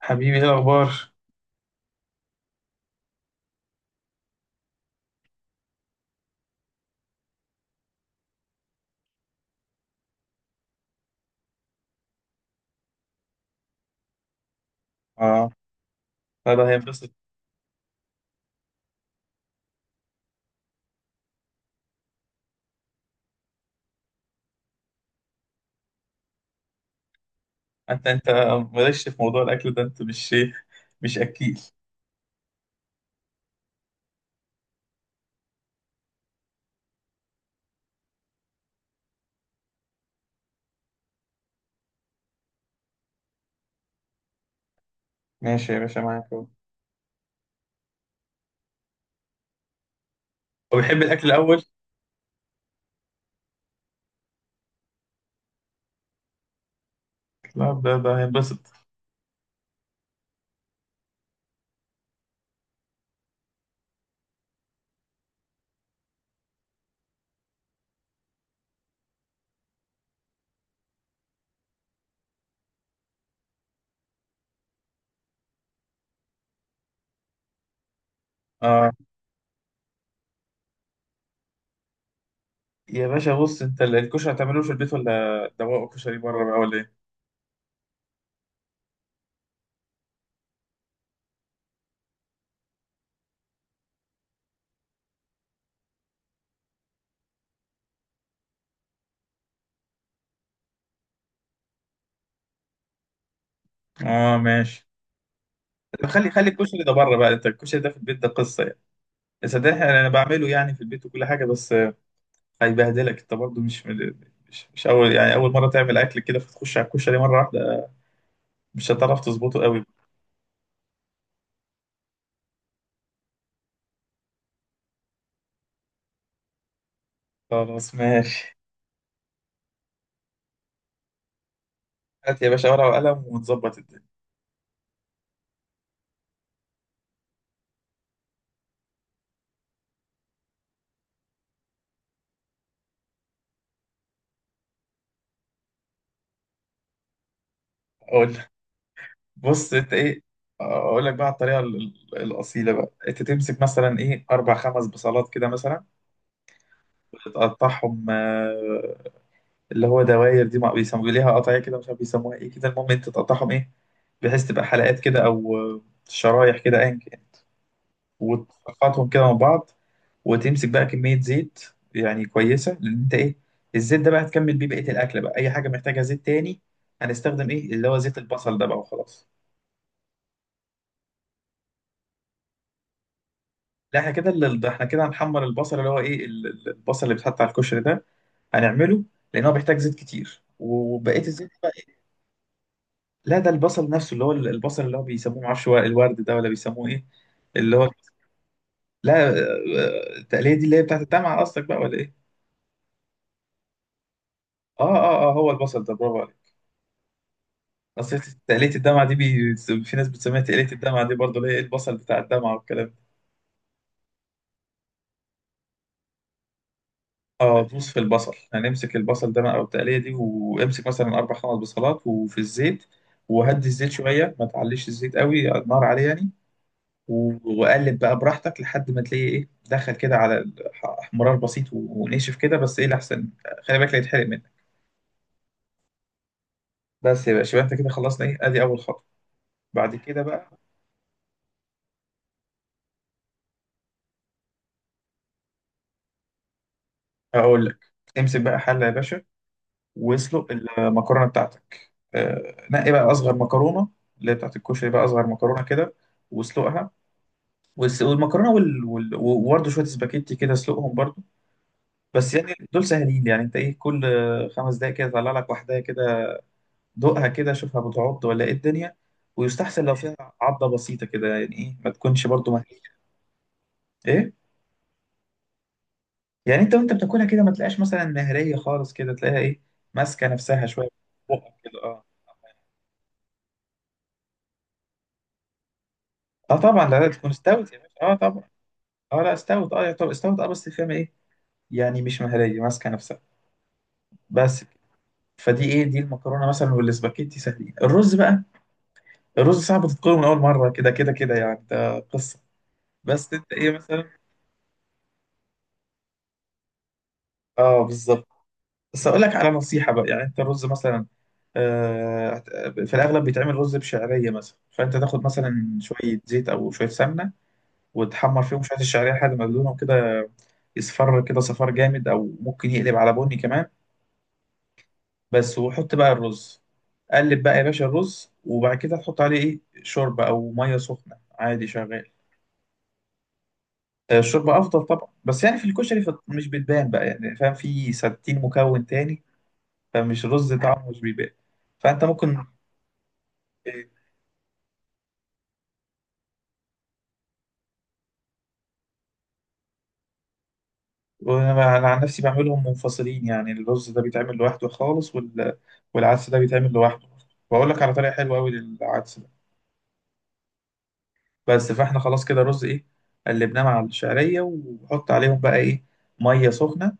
حبيبي، ايه الاخبار؟ اه. لا ده هينبسط. انت مالكش في موضوع الاكل ده. انت مش اكيل؟ ماشي يا باشا، معاك اهو. هو بيحب الاكل الاول؟ لا ده هينبسط. اه. يا باشا، بص، انت الكشري هتعمله في البيت ولا دواء كشري بره بقى، ولا ايه؟ اه ماشي. طب خلي الكشري ده بره بقى. انت الكشري ده في البيت ده قصه يعني. صدقني انا بعمله يعني في البيت وكل حاجه، بس هيبهدلك. انت برضه مش اول، يعني اول مره تعمل اكل كده فتخش على الكشري مره واحده مش هتعرف تظبطه قوي. خلاص ماشي. هات يا باشا ورقة وقلم ونظبط الدنيا. أقول لك. بص أنت إيه، أقول لك بقى على الطريقة الأصيلة بقى. أنت تمسك مثلا إيه أربع خمس بصلات كده مثلا، وتقطعهم اللي هو دواير، دي ما بيسموا ليها قطعية كده، مش عارف بيسموها إيه كده، المهم أنت تقطعهم إيه بحيث تبقى حلقات كده، أو شرايح كده، أيا كان، وتقطعهم كده من بعض. وتمسك بقى كمية زيت يعني كويسة، لأن أنت إيه الزيت ده بقى هتكمل بيه بقية الأكل، بقى أي حاجة محتاجة زيت تاني هنستخدم إيه اللي هو زيت البصل ده بقى وخلاص. لا، احنا كده ده احنا كده هنحمر البصل، اللي هو ايه البصل اللي بيتحط على الكشري ده هنعمله، لان هو بيحتاج زيت كتير. وبقيه الزيت بقى إيه؟ لا ده البصل نفسه، اللي هو البصل اللي هو بيسموه، معرفش هو الورد ده ولا بيسموه ايه، اللي هو. لا التقليه دي اللي هي بتاعت الدمعه قصدك بقى، ولا ايه؟ اه اه اه هو البصل ده، برافو عليك. اصل تقليه الدمعه دي في ناس بتسميها تقليه الدمعه دي برضه، اللي هي إيه، البصل بتاع الدمعه والكلام ده. اه، دوس في البصل. هنمسك البصل ده بقى والتقليه دي، وامسك مثلا اربع خمس بصلات وفي الزيت. وهدي الزيت شويه، ما تعليش الزيت قوي النار عليه يعني. وقلب بقى براحتك لحد ما تلاقي ايه، دخل كده على احمرار بسيط ونشف كده، بس ايه الاحسن خلي بالك لا يتحرق منك. بس يا باشا، يبقى انت كده خلصنا ايه، ادي اول خطوه. بعد كده بقى هقول لك. امسك بقى حله يا باشا، واسلق المكرونه بتاعتك. نقي بقى اصغر مكرونه، اللي هي بتاعت الكشري بقى، اصغر مكرونه كده، واسلقها. والمكرونه وبرده شويه سباكيتي كده، اسلقهم برده. بس يعني دول سهلين، يعني انت ايه كل خمس دقايق كده طلع لك واحده كده، دوقها كده، شوفها بتعض ولا ايه الدنيا، ويستحسن لو فيها عضه بسيطه كده، يعني ايه ما تكونش برده مهريه. ايه؟ يعني انت وانت بتاكلها كده ما تلاقيش مثلا مهريه خالص كده، تلاقيها ايه ماسكه نفسها شويه في بقك كده، اه. اه طبعا، لا لا، تكون استوت يا باشا، اه طبعا. اه لا استوت، اه طب استوت اه، بس فاهم ايه؟ يعني مش مهريه، ماسكه نفسها بس. فدي ايه، دي المكرونه مثلا والاسباجيتي سهلين. الرز بقى، الرز صعب تتقوله من اول مره، كده كده كده يعني، ده قصه. بس انت ايه مثلا، اه بالظبط. بس اقول لك على نصيحه بقى، يعني انت الرز مثلا آه في الاغلب بيتعمل رز بشعريه مثلا، فانت تاخد مثلا شويه زيت او شويه سمنه، وتحمر فيهم شويه الشعريه لحد ما لونهم كده يصفر كده صفار جامد، او ممكن يقلب على بني كمان. بس، وحط بقى الرز. قلب بقى يا باشا الرز، وبعد كده تحط عليه ايه شوربه او ميه سخنه عادي شغال. الشوربة أفضل طبعا، بس يعني في الكشري مش بتبان بقى، يعني فاهم، في 60 مكون تاني، فمش رز، طعمه مش بيبان. فأنت ممكن إيه. وأنا عن نفسي بعملهم منفصلين، يعني الرز ده بيتعمل لوحده خالص والعدس ده بيتعمل لوحده. وأقول لك على طريقة حلوة أوي للعدس ده. بس فإحنا خلاص كده الرز إيه، قلبناه مع الشعرية وحط عليهم بقى إيه مية سخنة.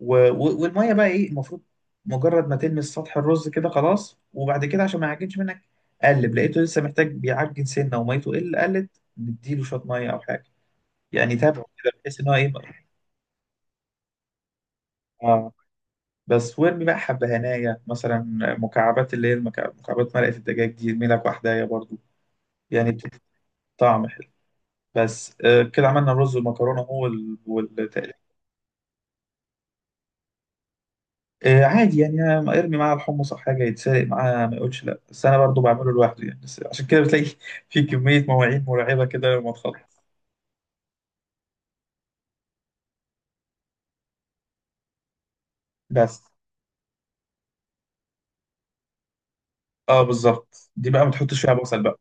والميه بقى ايه المفروض مجرد ما تلمس سطح الرز كده خلاص. وبعد كده عشان ما يعجنش منك قلب، لقيته لسه محتاج بيعجن سنه وميته، قلت نديله شويه ميه او حاجه، يعني تابعه كده بحيث ان هو ايه. اه بس، وارمي بقى حبه هنايا مثلا مكعبات، اللي هي مكعبات مرقه الدجاج دي، ارمي لك واحدايه برضو، يعني بتدي طعم حلو. بس كده عملنا الرز والمكرونه. هو عادي، يعني أنا ارمي معاه الحمص او حاجه يتسرق معاه ما يقولش لا، بس انا برضو بعمله لوحده يعني، بس عشان كده بتلاقي في كميه مواعين مرعبه كده لما تخلص. بس اه بالظبط، دي بقى ما تحطش فيها بصل بقى.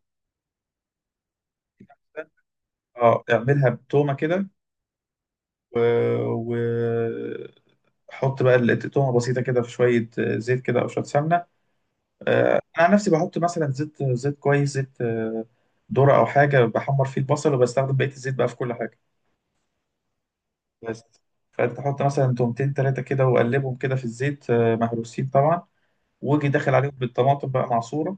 اه، اعملها بتومه كده. و... و... حط بقى تومه بسيطه كده في شويه زيت كده او شويه سمنه. انا عن نفسي بحط مثلا زيت، زيت كويس، زيت ذره او حاجه، بحمر فيه البصل وبستخدم بقيه الزيت بقى في كل حاجه. بس. فانت تحط مثلا تومتين تلاتة كده وقلبهم كده في الزيت، مهروسين طبعا، واجي داخل عليهم بالطماطم بقى معصورة،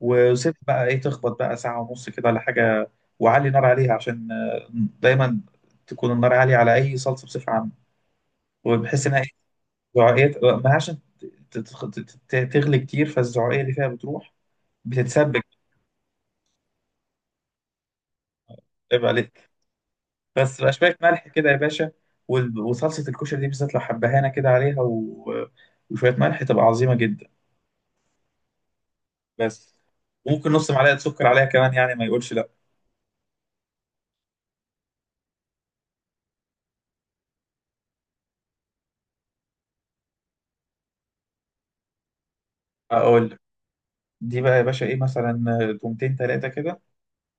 وسيب بقى ايه تخبط بقى ساعة ونص كده ولا حاجة. وعلي نار عليها، عشان دايما تكون النار عالية على أي صلصة بصفة عامة، وبحيث إنها ايه زعقية- ما عشان تتخ- ت- تغلي كتير فالزعقية اللي فيها بتروح، بتتسبك. عيب عليك. بس بقى شوية ملح كده يا باشا، وصلصة الكشري دي بالذات لو حبهانة كده عليها وشوية ملح، تبقى عظيمة جدا. بس ممكن نص معلقه سكر عليها كمان، يعني ما يقولش لا. اقول لك. دي بقى يا باشا ايه مثلا تومتين تلاتة كده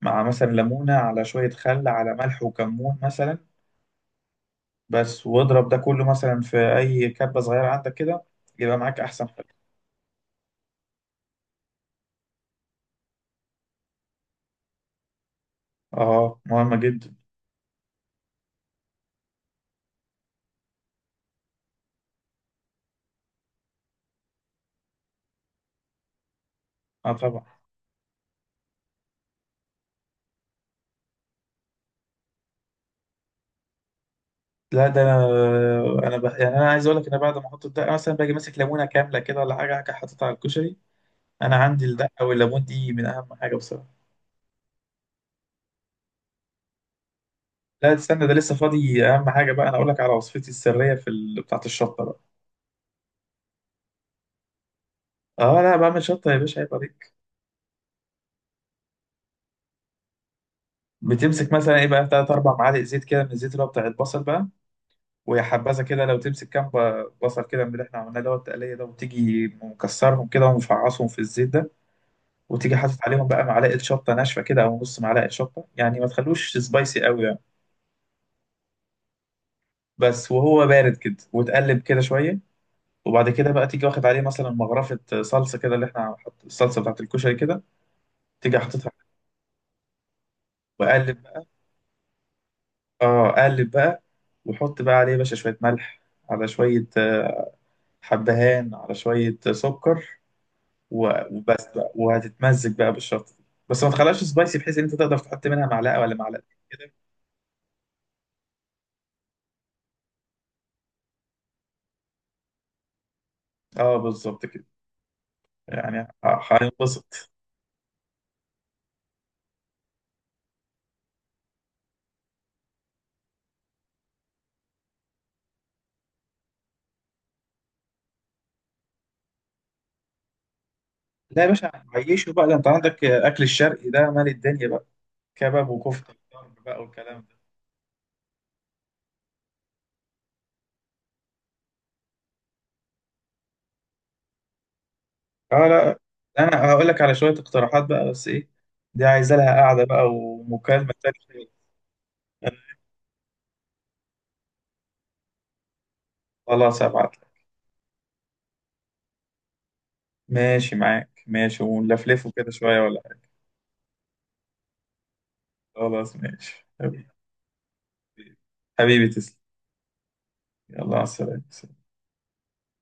مع مثلا ليمونه، على شويه خل، على ملح وكمون مثلا. بس واضرب ده كله مثلا في اي كبه صغيره عندك كده، يبقى معاك احسن حاجه. اه مهمه جدا. اه طبعا، لا ده يعني انا عايز اقول لك انا بعد ما احط الدقه مثلا باجي ماسك ليمونه كامله كده ولا حاجه حاططها على الكشري. انا عندي الدقه والليمون دي من اهم حاجه بصراحه. لا استنى، ده لسه فاضي. اهم حاجه بقى انا اقول لك على وصفتي السريه في بتاعه الشطه بقى. اه، لا بعمل شطه يا باشا، عيب عليك. بتمسك مثلا ايه بقى تلات اربع معالق زيت كده من الزيت اللي هو بتاع البصل بقى، ويا حبذا كده لو تمسك كام بصل كده من اللي احنا عملناه اللي هو التقليه ده، وتيجي مكسرهم كده ومفعصهم في الزيت ده، وتيجي حاطط عليهم بقى معلقه شطه ناشفه كده او نص معلقه شطه، يعني ما تخلوش سبايسي قوي يعني. بس، وهو بارد كده وتقلب كده شويه، وبعد كده بقى تيجي واخد عليه مثلا مغرفه صلصه كده، اللي احنا حط الصلصه بتاعت الكشري كده، تيجي حاططها. واقلب بقى، اه، اقلب بقى. واحط بقى عليه يا باشا شويه ملح، على شويه حبهان، على شويه سكر. وبس بقى، وهتتمزج بقى بالشطه دي، بس ما تخليهاش سبايسي، بحيث ان انت تقدر تحط منها معلقه ولا معلقتين كده. اه بالظبط كده، يعني هينبسط. لا يا باشا، عيشه بقى، ده انت عندك اكل الشرقي ده مال الدنيا بقى. كباب وكفته وطرب بقى والكلام ده. اه لا، انا هقول لك على شويه اقتراحات بقى، بس ايه، دي عايزه لها قعده بقى ومكالمه تانيه. خلاص، هبعت. ماشي معاك، ماشي، ونلفلفه كده شوية ولا حاجة. خلاص ماشي، حبيبي. حبيبي تسلم. يلا على السلامة.